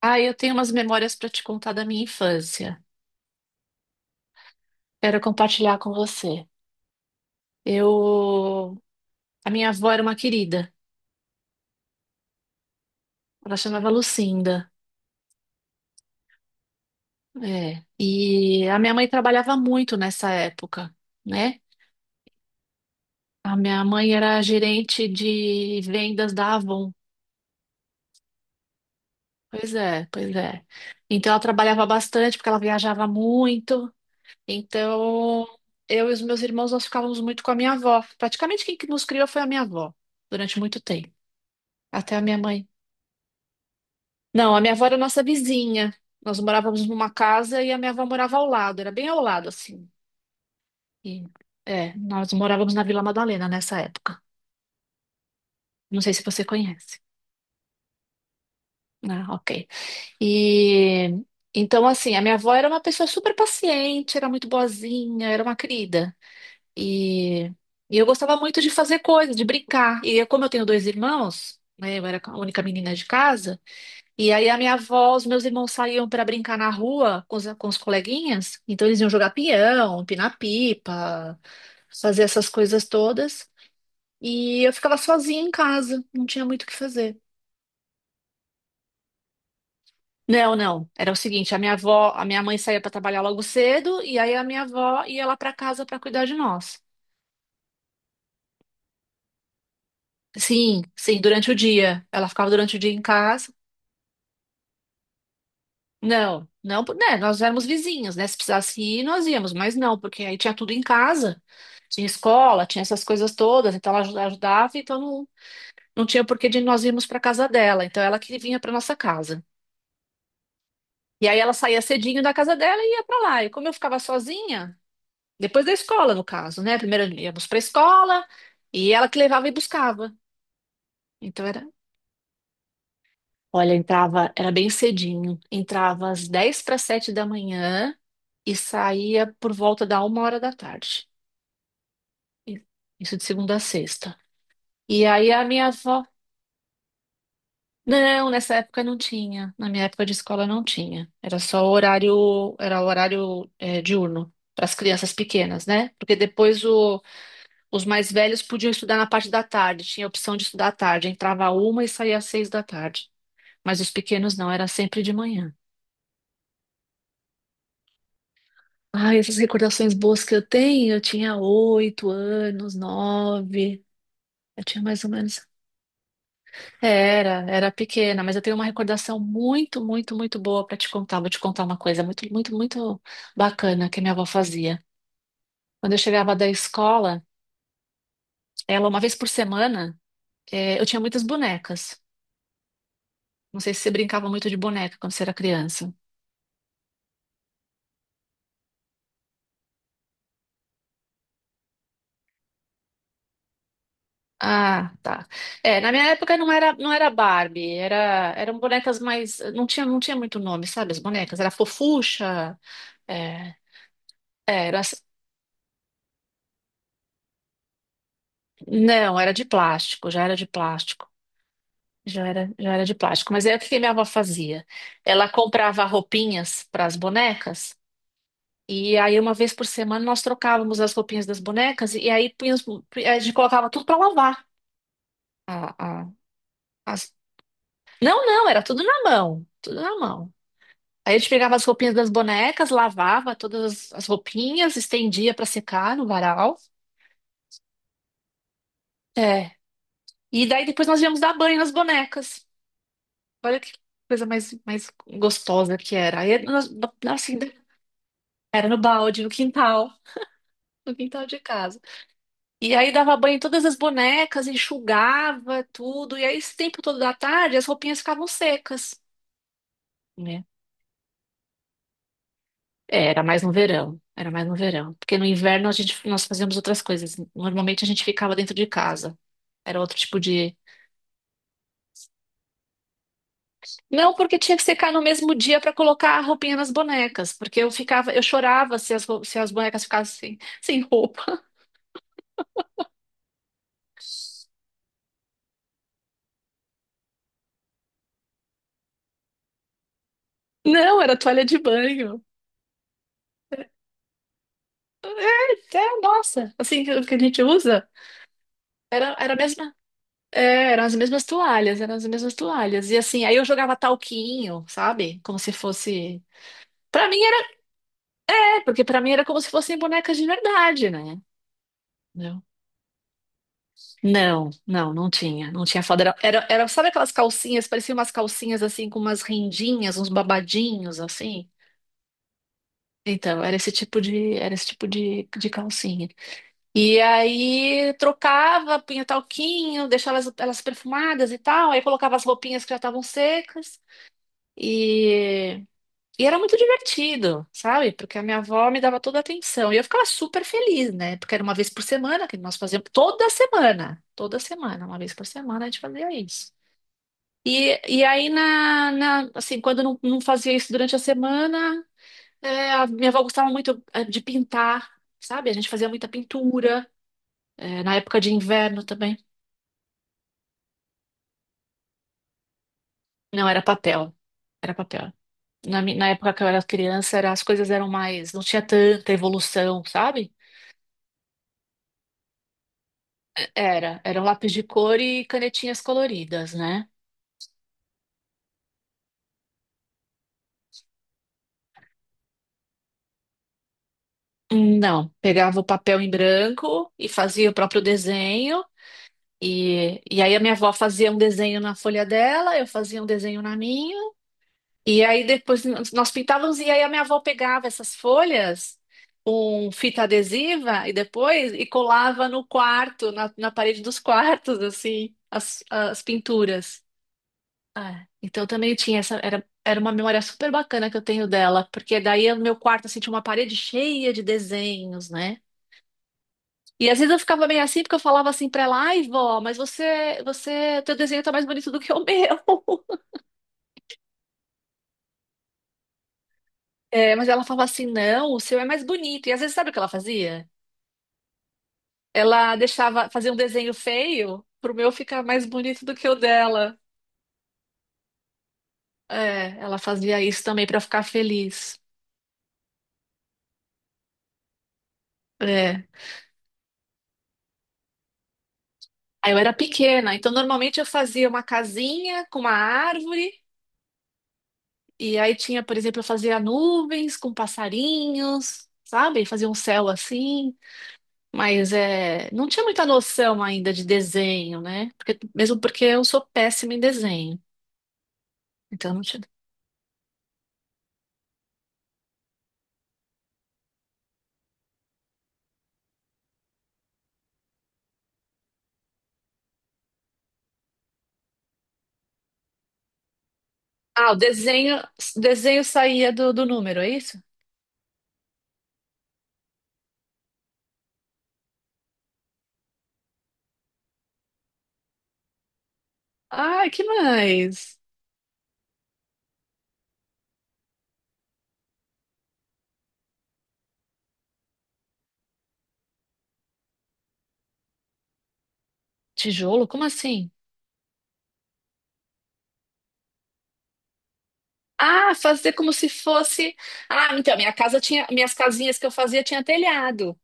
Ah, eu tenho umas memórias para te contar da minha infância. Quero compartilhar com você. Eu, a minha avó era uma querida. Ela chamava Lucinda. É. E a minha mãe trabalhava muito nessa época, né? A minha mãe era gerente de vendas da Avon. Pois é, pois é. Então ela trabalhava bastante porque ela viajava muito. Então eu e os meus irmãos nós ficávamos muito com a minha avó. Praticamente quem que nos criou foi a minha avó durante muito tempo. Até a minha mãe Não, a minha avó era nossa vizinha. Nós morávamos numa casa e a minha avó morava ao lado, era bem ao lado, assim. E, Nós morávamos na Vila Madalena nessa época. Não sei se você conhece. Ah, ok. E então, assim, a minha avó era uma pessoa super paciente, era muito boazinha, era uma querida. E, e eu gostava muito de fazer coisas, de brincar. E como eu tenho dois irmãos, né, eu era a única menina de casa. E aí a minha avó, os meus irmãos saíam para brincar na rua com os coleguinhas, então eles iam jogar pião, empinar pipa, fazer essas coisas todas, e eu ficava sozinha em casa, não tinha muito o que fazer. Não, não, era o seguinte, a minha mãe saía para trabalhar logo cedo, e aí a minha avó ia lá para casa para cuidar de nós. Sim, sim, durante o dia. Ela ficava durante o dia em casa. Não, não, né, nós éramos vizinhos, né? Se precisasse ir, nós íamos, mas não, porque aí tinha tudo em casa. Tinha escola, tinha essas coisas todas, então ela ajudava, então não, não tinha porquê de nós irmos para casa dela, então ela que vinha para nossa casa. E aí ela saía cedinho da casa dela e ia para lá. E como eu ficava sozinha, depois da escola, no caso, né? Primeiro íamos para a escola e ela que levava e buscava. Então era, olha, entrava, era bem cedinho, entrava às 6:50 da manhã e saía por volta da 1 hora da tarde. E- Isso de segunda a sexta. E aí a minha avó Não, nessa época não tinha. Na minha época de escola não tinha. Era só horário, era horário diurno para as crianças pequenas, né? Porque depois os mais velhos podiam estudar na parte da tarde. Tinha a opção de estudar à tarde. Entrava uma e saía às 6 da tarde. Mas os pequenos não, era sempre de manhã. Ai, essas recordações boas que eu tenho, eu tinha 8 anos, nove. Eu tinha mais ou menos. Era, era pequena, mas eu tenho uma recordação muito, muito, muito boa para te contar. Vou te contar uma coisa muito, muito, muito bacana que minha avó fazia. Quando eu chegava da escola, ela, uma vez por semana, eu tinha muitas bonecas. Não sei se você brincava muito de boneca quando você era criança. Ah, tá. É, na minha época não era Barbie, eram bonecas mais, não tinha muito nome, sabe? As bonecas, era Fofucha, é, é, era, não, era de plástico, já era de plástico. Já era de plástico. Mas é o que que minha avó fazia. Ela comprava roupinhas para as bonecas, e aí uma vez por semana nós trocávamos as roupinhas das bonecas, e aí a gente colocava tudo para lavar. A, a- as- Não, não, era tudo na mão, tudo na mão. Aí a gente pegava as roupinhas das bonecas, lavava todas as roupinhas, estendia para secar no varal. É. E daí depois nós íamos dar banho nas bonecas. Olha que coisa mais gostosa que era. Assim, Era no balde, no quintal, no quintal de casa. E aí dava banho em todas as bonecas, enxugava tudo. E aí, esse tempo todo da tarde, as roupinhas ficavam secas, né? Era mais no verão, era mais no verão. Porque no inverno nós fazíamos outras coisas. Normalmente a gente ficava dentro de casa. Era outro tipo de. Não, porque tinha que secar no mesmo dia para colocar a roupinha nas bonecas. Porque eu chorava se se as bonecas ficassem sem roupa. Não, era toalha de banho. É, nossa, assim que a gente usa. Era, era a mesma, é, Eram as mesmas toalhas, eram as mesmas toalhas. E assim, aí eu jogava talquinho, sabe? Como se fosse. Pra mim era, é, porque pra mim era como se fossem bonecas de verdade, né? Entendeu? Não, não, não tinha foda. Sabe aquelas calcinhas, pareciam umas calcinhas assim com umas rendinhas, uns babadinhos assim. Então, era esse tipo de calcinha. E aí trocava, punha talquinho, deixava elas perfumadas e tal, aí colocava as roupinhas que já estavam secas. E, e era muito divertido, sabe? Porque a minha avó me dava toda a atenção. E eu ficava super feliz, né? Porque era uma vez por semana que nós fazíamos. Toda semana. Toda semana. Uma vez por semana a gente fazia isso. Assim, quando eu não fazia isso durante a semana, a minha avó gostava muito de pintar, sabe? A gente fazia muita pintura, é, na época de inverno também. Não, era papel. Era papel. Na época que eu era criança, as coisas eram mais. Não tinha tanta evolução, sabe? Era um lápis de cor e canetinhas coloridas, né? Não, pegava o papel em branco e fazia o próprio desenho. E aí a minha avó fazia um desenho na folha dela, eu fazia um desenho na minha. E aí depois nós pintávamos e aí a minha avó pegava essas folhas com fita adesiva e depois colava no quarto, na parede dos quartos, assim, as pinturas. É, então também tinha essa, era uma memória super bacana que eu tenho dela, porque daí no meu quarto assim, tinha uma parede cheia de desenhos, né? E às vezes eu ficava meio assim, porque eu falava assim pra ela, ai, vó, mas você, teu desenho tá mais bonito do que o meu. É, mas ela falava assim, não, o seu é mais bonito. E às vezes sabe o que ela fazia? Fazia um desenho feio pro meu ficar mais bonito do que o dela. É, ela fazia isso também pra eu ficar feliz. É. Aí eu era pequena, então normalmente eu fazia uma casinha com uma árvore, e aí tinha, por exemplo, eu fazia nuvens com passarinhos, sabe? Fazia um céu assim, mas não tinha muita noção ainda de desenho, né? Porque- mesmo porque eu sou péssima em desenho, então não tinha. Ah, desenho saía do número, é isso? Ah, que mais? Tijolo? Como assim? Ah, fazer como se fosse. Ah, então, minhas casinhas que eu fazia tinha telhado.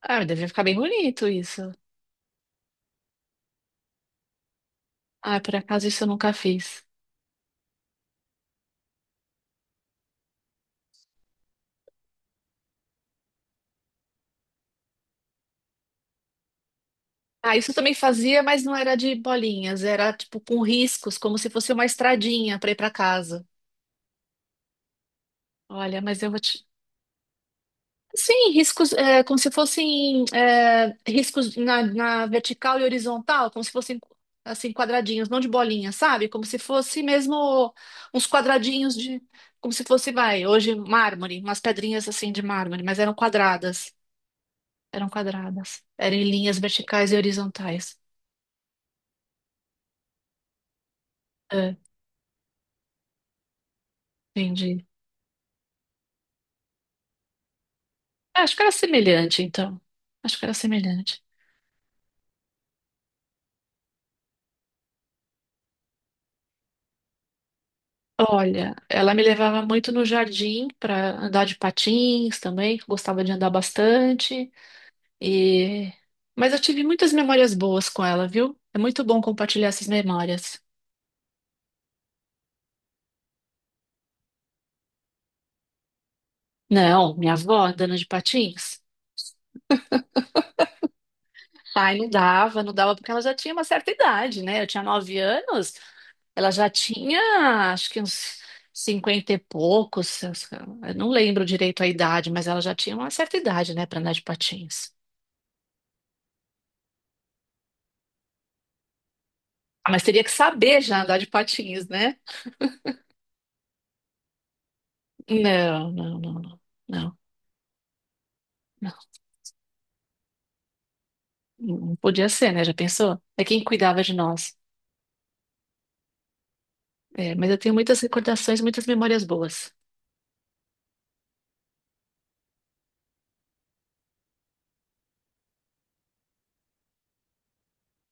Ah, mas devia ficar bem bonito isso. Ah, por acaso isso eu nunca fiz. Ah, isso eu também fazia, mas não era de bolinhas, era tipo com riscos, como se fosse uma estradinha para ir para casa. Olha, mas eu vou te. Sim, riscos, como se fossem riscos na vertical e horizontal, como se fossem assim quadradinhos, não de bolinha, sabe? Como se fosse mesmo uns quadradinhos como se fosse, vai, hoje mármore, umas pedrinhas assim de mármore, mas eram quadradas. Eram quadradas. Eram em linhas verticais e horizontais. Ah, entendi. Ah, acho que era semelhante, então. Acho que era semelhante. Olha, ela me levava muito no jardim para andar de patins também, que eu gostava de andar bastante. E... Mas eu tive muitas memórias boas com ela, viu? É muito bom compartilhar essas memórias. Não, minha avó andando de patins. Ai, não dava, não dava, porque ela já tinha uma certa idade, né? Eu tinha 9 anos, acho que uns cinquenta e poucos, eu não lembro direito a idade, mas ela já tinha uma certa idade, né, para andar de patins. Mas teria que saber já andar de patins, né? Não, não, não, não, não, não, não podia ser, né? Já pensou? É quem cuidava de nós. É, mas eu tenho muitas recordações, muitas memórias boas.